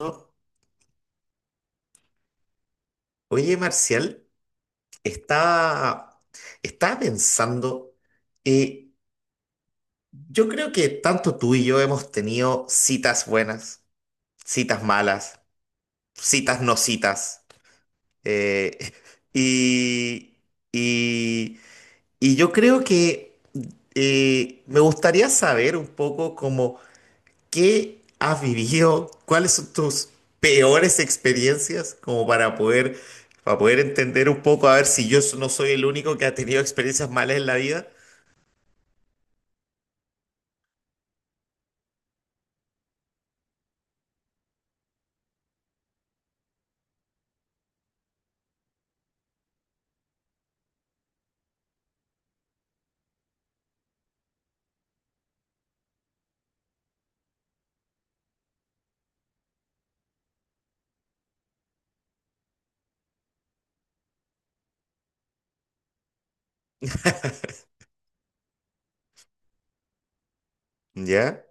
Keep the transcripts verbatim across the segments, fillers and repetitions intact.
No. Oye, Marcial, estaba, estaba pensando, eh, yo creo que tanto tú y yo hemos tenido citas buenas, citas malas, citas no citas. eh, y, y, y yo creo que eh, me gustaría saber un poco cómo... ¿Qué has vivido? ¿Cuáles son tus peores experiencias? Como para poder, para poder entender un poco, a ver si yo no soy el único que ha tenido experiencias malas en la vida. ¿Ya?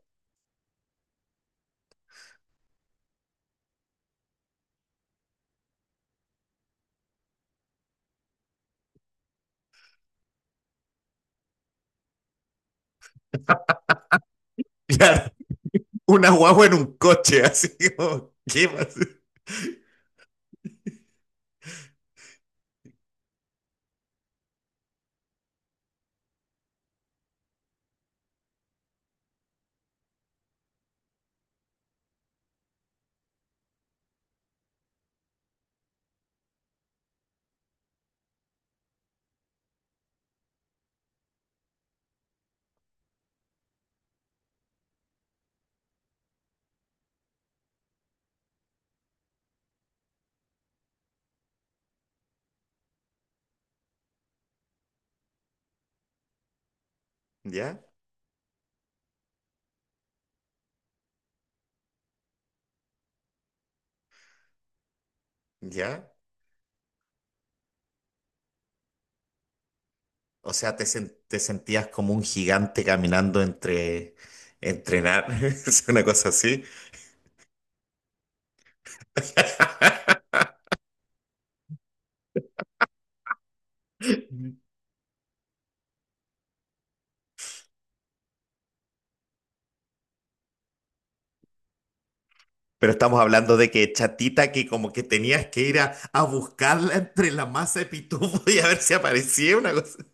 Claro, una guagua en un coche, así como, ¿qué más? ¿Ya? ¿Ya? O sea, te, sen- te sentías como un gigante caminando entre, entrenar, es una cosa así. Pero estamos hablando de que chatita que como que tenías que ir a, a buscarla entre la masa de pitufo y a ver si aparecía una cosa.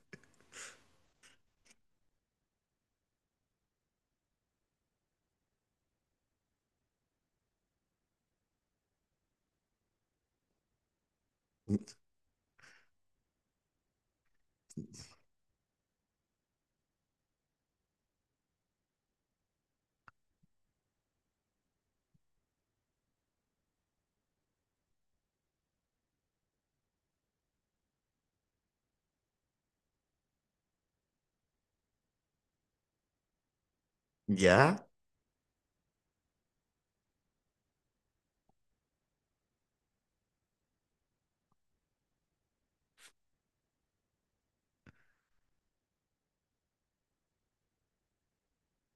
Ya,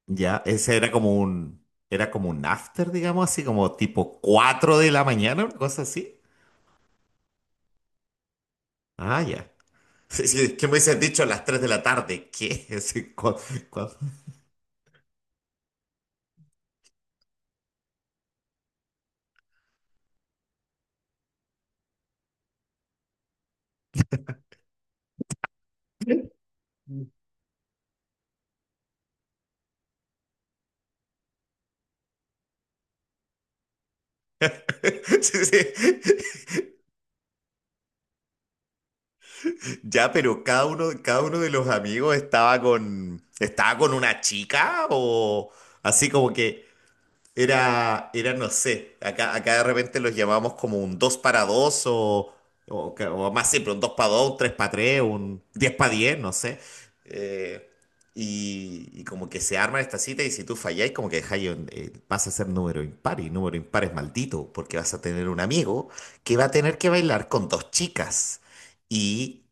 ya, ese era como un, era como un after, digamos así, como tipo cuatro de la mañana, una cosa así. Ah, ya. Sí, sí, es que me hubiesen dicho a las tres de la tarde, ¿qué? Sí, cu- cu- Sí, sí. Ya, pero cada uno, cada uno de los amigos estaba con, estaba con una chica o así como que... Era, era, no sé, acá, acá de repente los llamamos como un dos para dos o, o, ca- o más siempre, un dos para dos, un tres para tres, un diez para diez, no sé. Eh, y, y como que se arma esta cita y si tú falláis, como que dejáis, un- eh, vas a ser número impar y número impar es maldito porque vas a tener un amigo que va a tener que bailar con dos chicas. Y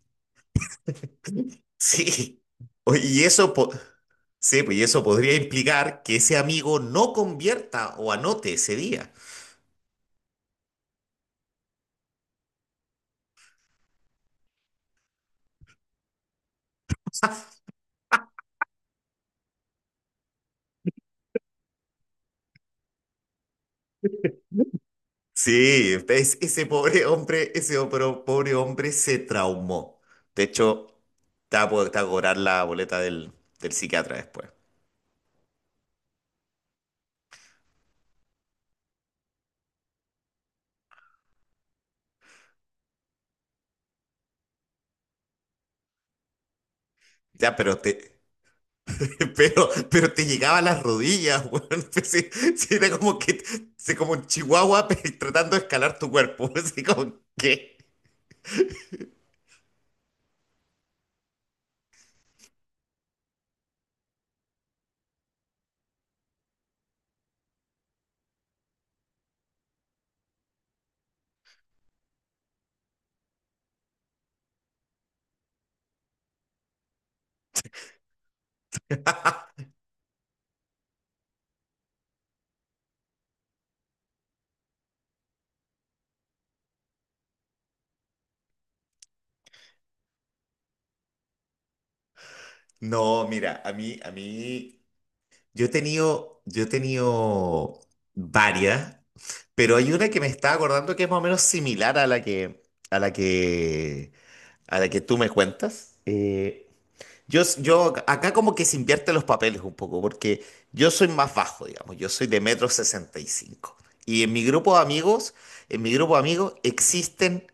sí, oye, y eso... po- Sí, pues y eso podría implicar que ese amigo no convierta o anote ese día. Sí, es- ese pobre hombre, ese opro- pobre hombre se traumó. De hecho, te va a po- te va a cobrar la boleta del, del psiquiatra después. Ya, pero te, pero, pero te llegaba a las rodillas, weón. Pues sí, sí, era como que, sí, como un chihuahua pe- tratando de escalar tu cuerpo. Así como, ¿qué? No, mira, a mí, a mí, yo he tenido, yo he tenido varias. Pero hay una que me estaba acordando que es más o menos similar a la que, a la que, a la que tú me cuentas. Eh, yo, s- yo, acá como que se invierten los papeles un poco, porque yo soy más bajo, digamos, yo soy de metro sesenta y cinco y en mi grupo de amigos, en mi grupo de amigos existen,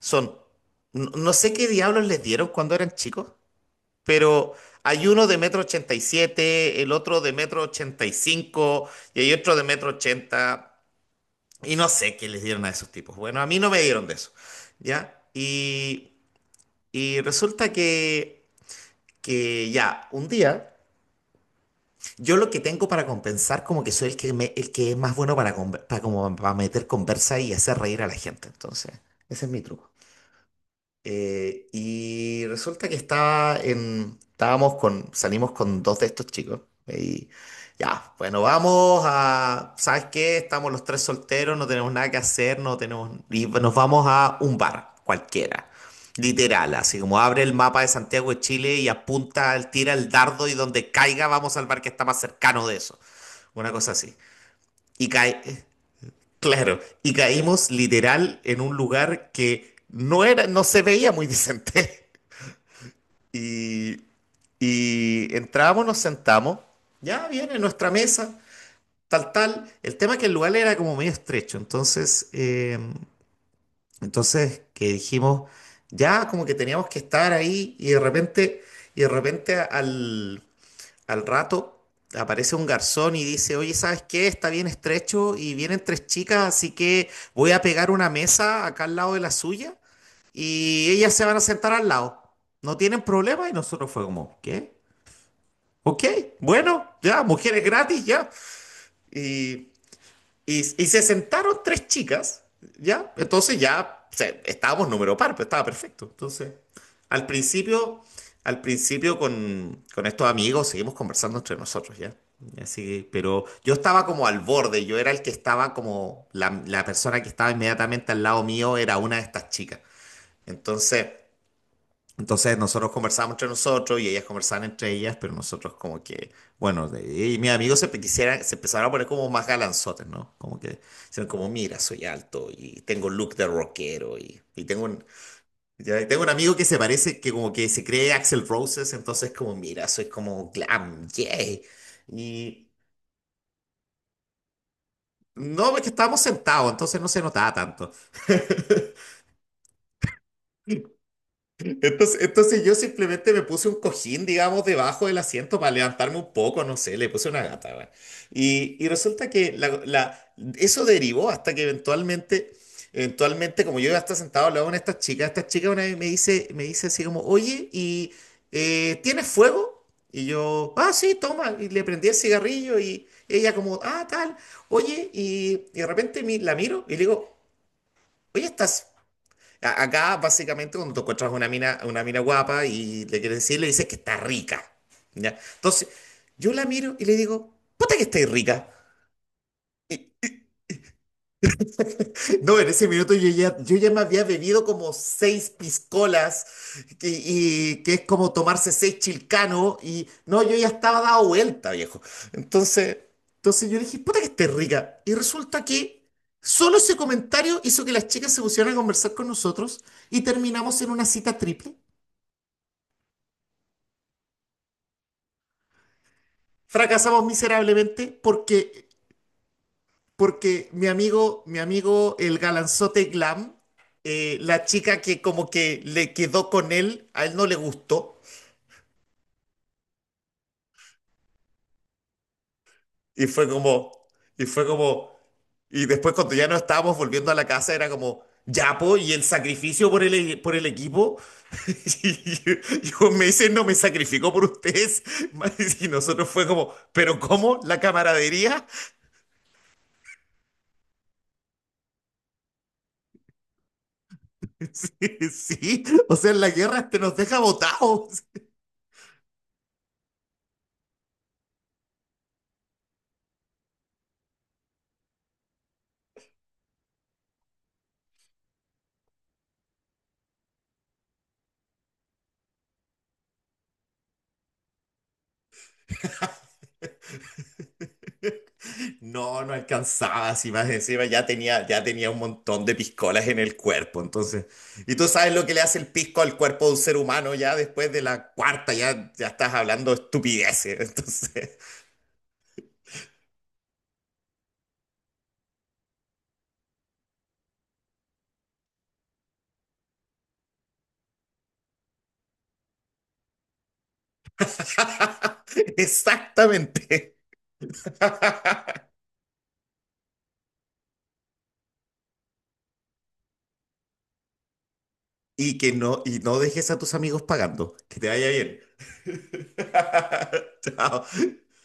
son, no, no sé qué diablos les dieron cuando eran chicos, pero hay uno de metro ochenta y siete, el otro de metro ochenta y cinco y cinco, y hay otro de metro ochenta, y no sé qué les dieron a esos tipos. Bueno, a mí no me dieron de eso, ¿ya? Y, y resulta que, que ya, un día, yo lo que tengo para compensar como que soy el que, me- el que es más bueno para, conver- para, como, para meter conversa y hacer reír a la gente. Entonces, ese es mi truco. Eh, y resulta que estaba en, estábamos con, salimos con dos de estos chicos. Y ya, bueno, vamos a, ¿sabes qué? Estamos los tres solteros, no tenemos nada que hacer, no tenemos, y nos vamos a un bar cualquiera. Literal, así como abre el mapa de Santiago de Chile y apunta, tira el dardo y donde caiga vamos al bar que está más cercano de eso. Una cosa así. Y cae, eh, claro, y caímos literal en un lugar que no era, no se veía muy decente. Y, y entramos, nos sentamos, ya viene nuestra mesa, tal, tal. El tema es que el lugar era como medio estrecho, entonces, eh, entonces que dijimos, ya como que teníamos que estar ahí y de repente, y de repente al, al rato aparece un garzón y dice, oye, ¿sabes qué? Está bien estrecho y vienen tres chicas, así que voy a pegar una mesa acá al lado de la suya y ellas se van a sentar al lado. No tienen problema y nosotros fue como, ¿qué? Ok, bueno, ya, mujeres gratis, ya. Y, y, y se sentaron tres chicas, ya. Entonces ya se- estábamos número par, pero estaba perfecto. Entonces, al principio, al principio con, con estos amigos seguimos conversando entre nosotros, ya. Así que, pero yo estaba como al borde, yo era el que estaba como, la, la persona que estaba inmediatamente al lado mío era una de estas chicas. Entonces... Entonces nosotros conversamos entre nosotros y ellas conversaban entre ellas, pero nosotros como que, bueno, de- y mis amigos se quisieran, se empezaron a poner como más galanzotes, ¿no? Como que, hicieron como, mira, soy alto y tengo look de rockero y, y tengo un, ya- y tengo un amigo que se parece, que como que se cree Axel Roses, entonces como, mira, soy como glam, yeah. Y no, porque estábamos sentados, entonces no se notaba tanto. Entonces, entonces yo simplemente me puse un cojín, digamos, debajo del asiento para levantarme un poco, no sé, le puse una gata, weón. Y, y resulta que la- la- eso derivó hasta que eventualmente, eventualmente, como yo iba a estar sentado al lado de una de estas chicas, esta chica una vez me dice, me dice así como, oye, ¿y eh, tienes fuego? Y yo, ah, sí, toma, y le prendí el cigarrillo y ella como, ah, tal, oye, y, y de repente mi- la miro y le digo, oye, ¿estás, a- Acá, básicamente, cuando tú encuentras una mina, una mina guapa y le quieres decir, le dices que está rica. ¿Ya? Entonces, yo la miro y le digo, puta que estáis rica. No, en ese minuto yo ya, yo ya me había bebido como seis piscolas, que, y, que es como tomarse seis chilcanos, y no, yo ya estaba dado vuelta, viejo. Entonces, entonces yo le dije, puta que estáis rica. Y resulta que solo ese comentario hizo que las chicas se pusieran a conversar con nosotros y terminamos en una cita triple. Fracasamos miserablemente porque, porque mi amigo, mi amigo, el galanzote glam, eh, la chica que como que le quedó con él, a él no le gustó. Y fue como, y fue como, y después cuando ya no estábamos volviendo a la casa era como, ya po, y el sacrificio por el, e-, por el equipo. Y yo me dice, no me sacrificó por ustedes. Y nosotros fue como, ¿pero cómo? ¿La camaradería? Sí, sí. O sea, en la guerra te nos deja botados. No, no alcanzaba, si más encima ya tenía, ya tenía un montón de piscolas en el cuerpo, entonces. Y tú sabes lo que le hace el pisco al cuerpo de un ser humano ya después de la cuarta, ya, ya estás hablando estupideces, entonces. Exactamente. Y que no, y no dejes a tus amigos pagando. Que te vaya bien. Chao.